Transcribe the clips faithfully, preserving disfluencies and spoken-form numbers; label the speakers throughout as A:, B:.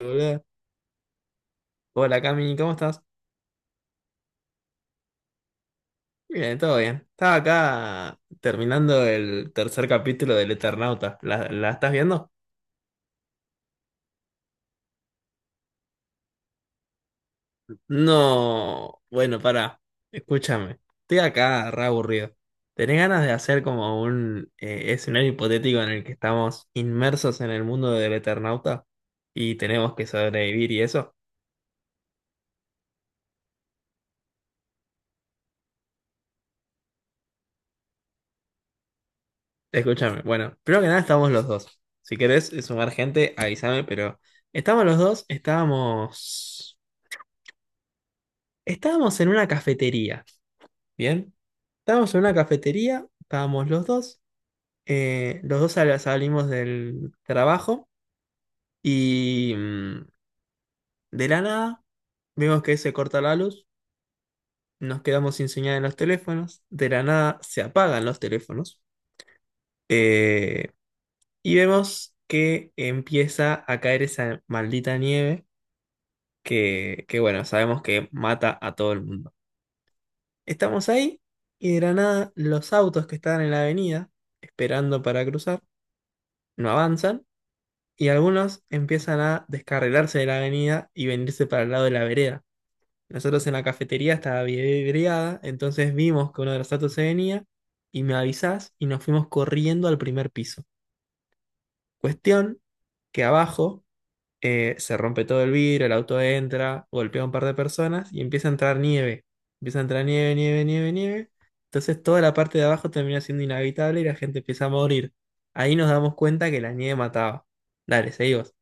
A: Hola. Hola, Cami, ¿cómo estás? Bien, todo bien. Estaba acá terminando el tercer capítulo del Eternauta. ¿La, la estás viendo? No, bueno, pará. Escúchame. Estoy acá re aburrido. ¿Tenés ganas de hacer como un eh, escenario hipotético en el que estamos inmersos en el mundo del Eternauta y tenemos que sobrevivir y eso? Escúchame. Bueno, primero que nada estamos los dos. Si querés sumar gente, avísame, pero estamos los dos, estábamos. Estábamos en una cafetería, ¿bien? Estábamos en una cafetería, estábamos los dos, eh, los dos sal- salimos del trabajo y mm, de la nada vemos que se corta la luz, nos quedamos sin señal en los teléfonos, de la nada se apagan los teléfonos eh, y vemos que empieza a caer esa maldita nieve que, que bueno, sabemos que mata a todo el mundo. Estamos ahí y de la nada los autos que estaban en la avenida, esperando para cruzar, no avanzan y algunos empiezan a descarrilarse de la avenida y venirse para el lado de la vereda. Nosotros en la cafetería estaba vidriada, entonces vimos que uno de los autos se venía y me avisás y nos fuimos corriendo al primer piso. Cuestión que abajo eh, se rompe todo el vidrio, el auto entra, golpea a un par de personas y empieza a entrar nieve. Empieza a entrar nieve, nieve, nieve, nieve. Entonces toda la parte de abajo termina siendo inhabitable y la gente empieza a morir. Ahí nos damos cuenta que la nieve mataba. Dale, seguimos.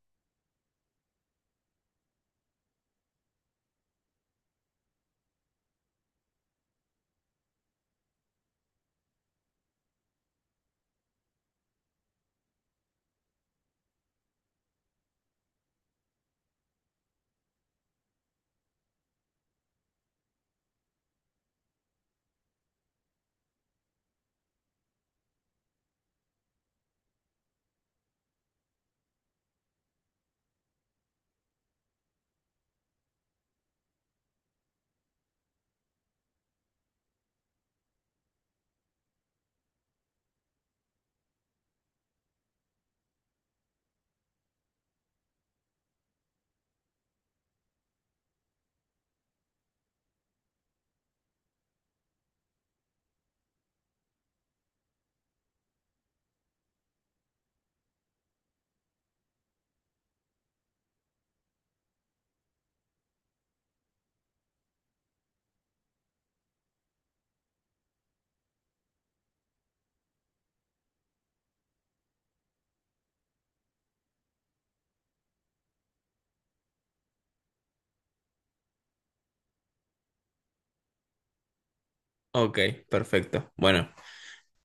A: Ok, perfecto. Bueno.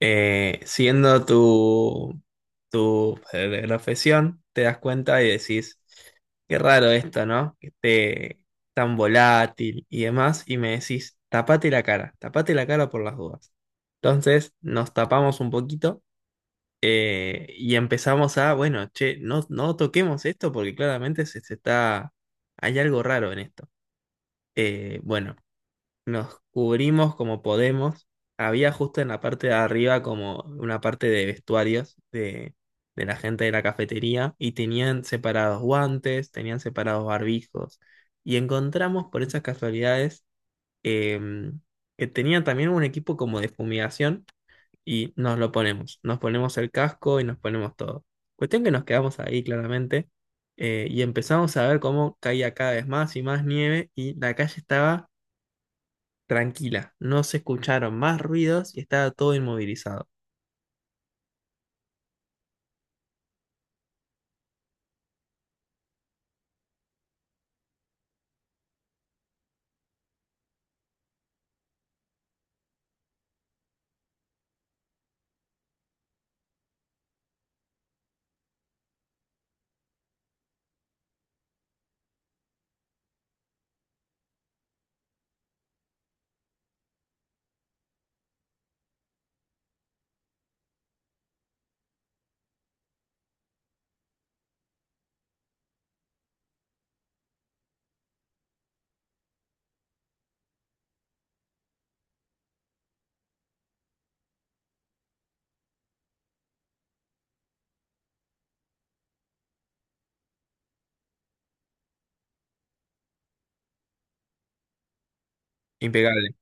A: eh, Siendo tu, tu eh, profesión, te das cuenta y decís, qué raro esto, ¿no? Que esté tan volátil y demás, y me decís, tapate la cara, tapate la cara por las dudas. Entonces nos tapamos un poquito eh, y empezamos a, bueno, che, no, no toquemos esto porque claramente se, se está, hay algo raro en esto. Eh, bueno. Nos cubrimos como podemos. Había justo en la parte de arriba como una parte de vestuarios de, de la gente de la cafetería y tenían separados guantes, tenían separados barbijos. Y encontramos por esas casualidades em, que tenían también un equipo como de fumigación y nos lo ponemos. Nos ponemos el casco y nos ponemos todo. Cuestión que nos quedamos ahí claramente eh, y empezamos a ver cómo caía cada vez más y más nieve y la calle estaba tranquila. No se escucharon más ruidos y estaba todo inmovilizado. Impecable.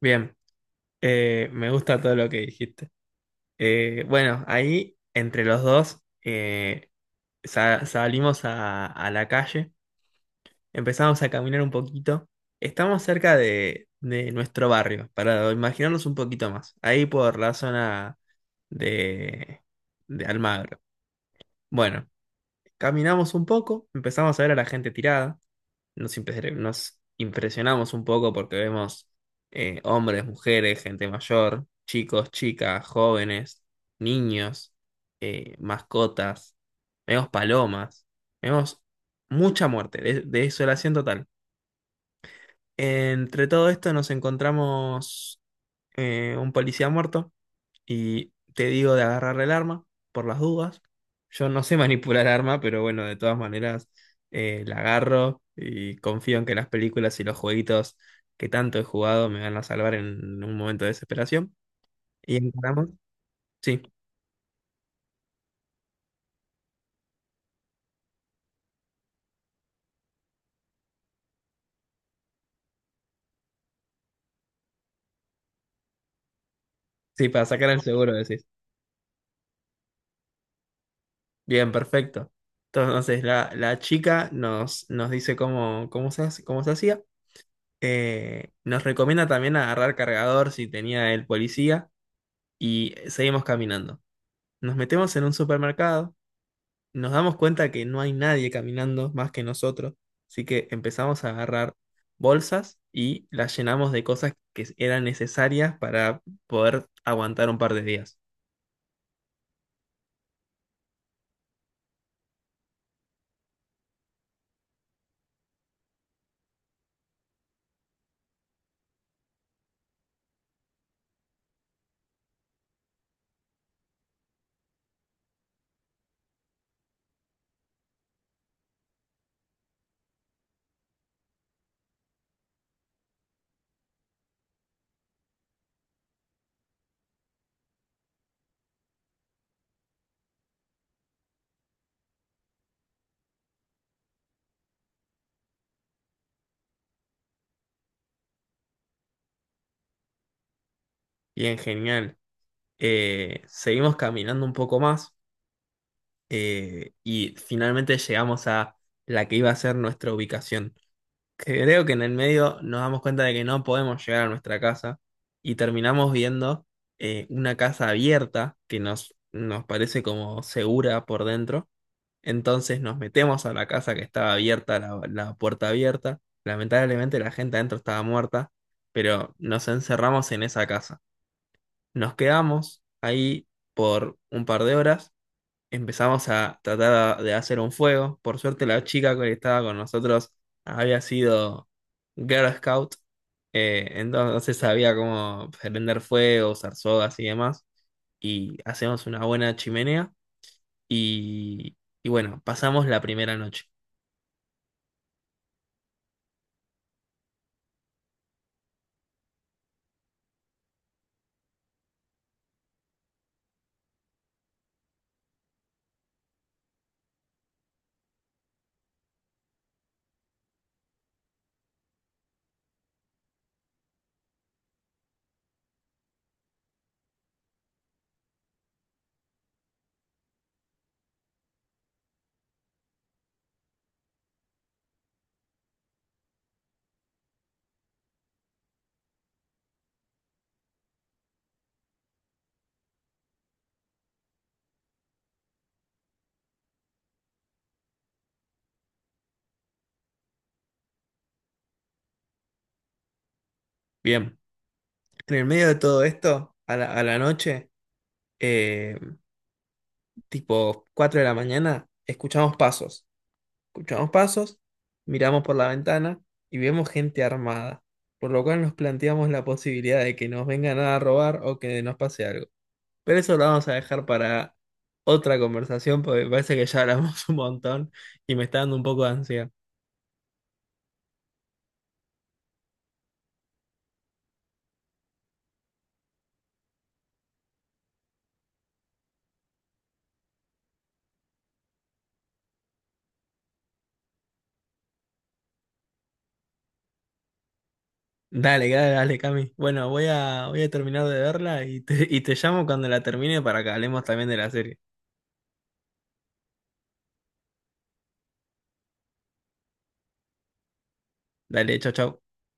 A: Bien, eh, me gusta todo lo que dijiste. Eh, bueno, ahí entre los dos eh, sa- salimos a, a, la calle, empezamos a caminar un poquito. Estamos cerca de, de nuestro barrio, para imaginarnos un poquito más, ahí por la zona de, de Almagro. Bueno, caminamos un poco, empezamos a ver a la gente tirada. Nos, impre- nos impresionamos un poco porque vemos eh, hombres, mujeres, gente mayor, chicos, chicas, jóvenes, niños, eh, mascotas, vemos palomas, vemos mucha muerte, de- desolación total. Entre todo esto nos encontramos eh, un policía muerto y te digo de agarrar el arma por las dudas. Yo no sé manipular arma, pero bueno, de todas maneras eh, la agarro y confío en que las películas y los jueguitos que tanto he jugado me van a salvar en un momento de desesperación. ¿Y encaramos? Sí, sí, para sacar el seguro, decís. Bien, perfecto. Entonces la, la chica nos, nos dice cómo, cómo se, hace- cómo se hacía. Eh, nos recomienda también agarrar cargador si tenía el policía y seguimos caminando. Nos metemos en un supermercado, nos damos cuenta que no hay nadie caminando más que nosotros, así que empezamos a agarrar bolsas y las llenamos de cosas que eran necesarias para poder aguantar un par de días. Bien, genial. Eh, seguimos caminando un poco más eh, y finalmente llegamos a la que iba a ser nuestra ubicación. Creo que en el medio nos damos cuenta de que no podemos llegar a nuestra casa y terminamos viendo eh, una casa abierta que nos, nos parece como segura por dentro. Entonces nos metemos a la casa que estaba abierta, la, la puerta abierta. Lamentablemente la gente adentro estaba muerta, pero nos encerramos en esa casa. Nos quedamos ahí por un par de horas. Empezamos a tratar de hacer un fuego. Por suerte la chica que estaba con nosotros había sido Girl Scout, eh, entonces sabía cómo prender fuego, usar sogas y demás. Y hacemos una buena chimenea y, y bueno, pasamos la primera noche. Bien, en el medio de todo esto, a la, a la noche, eh, tipo cuatro de la mañana, escuchamos pasos. Escuchamos pasos, miramos por la ventana y vemos gente armada, por lo cual nos planteamos la posibilidad de que nos vengan a robar o que nos pase algo. Pero eso lo vamos a dejar para otra conversación porque me parece que ya hablamos un montón y me está dando un poco de ansiedad. Dale, dale, dale, Cami. Bueno, voy a, voy a terminar de verla y te, y te llamo cuando la termine para que hablemos también de la serie. Dale, chau, chau.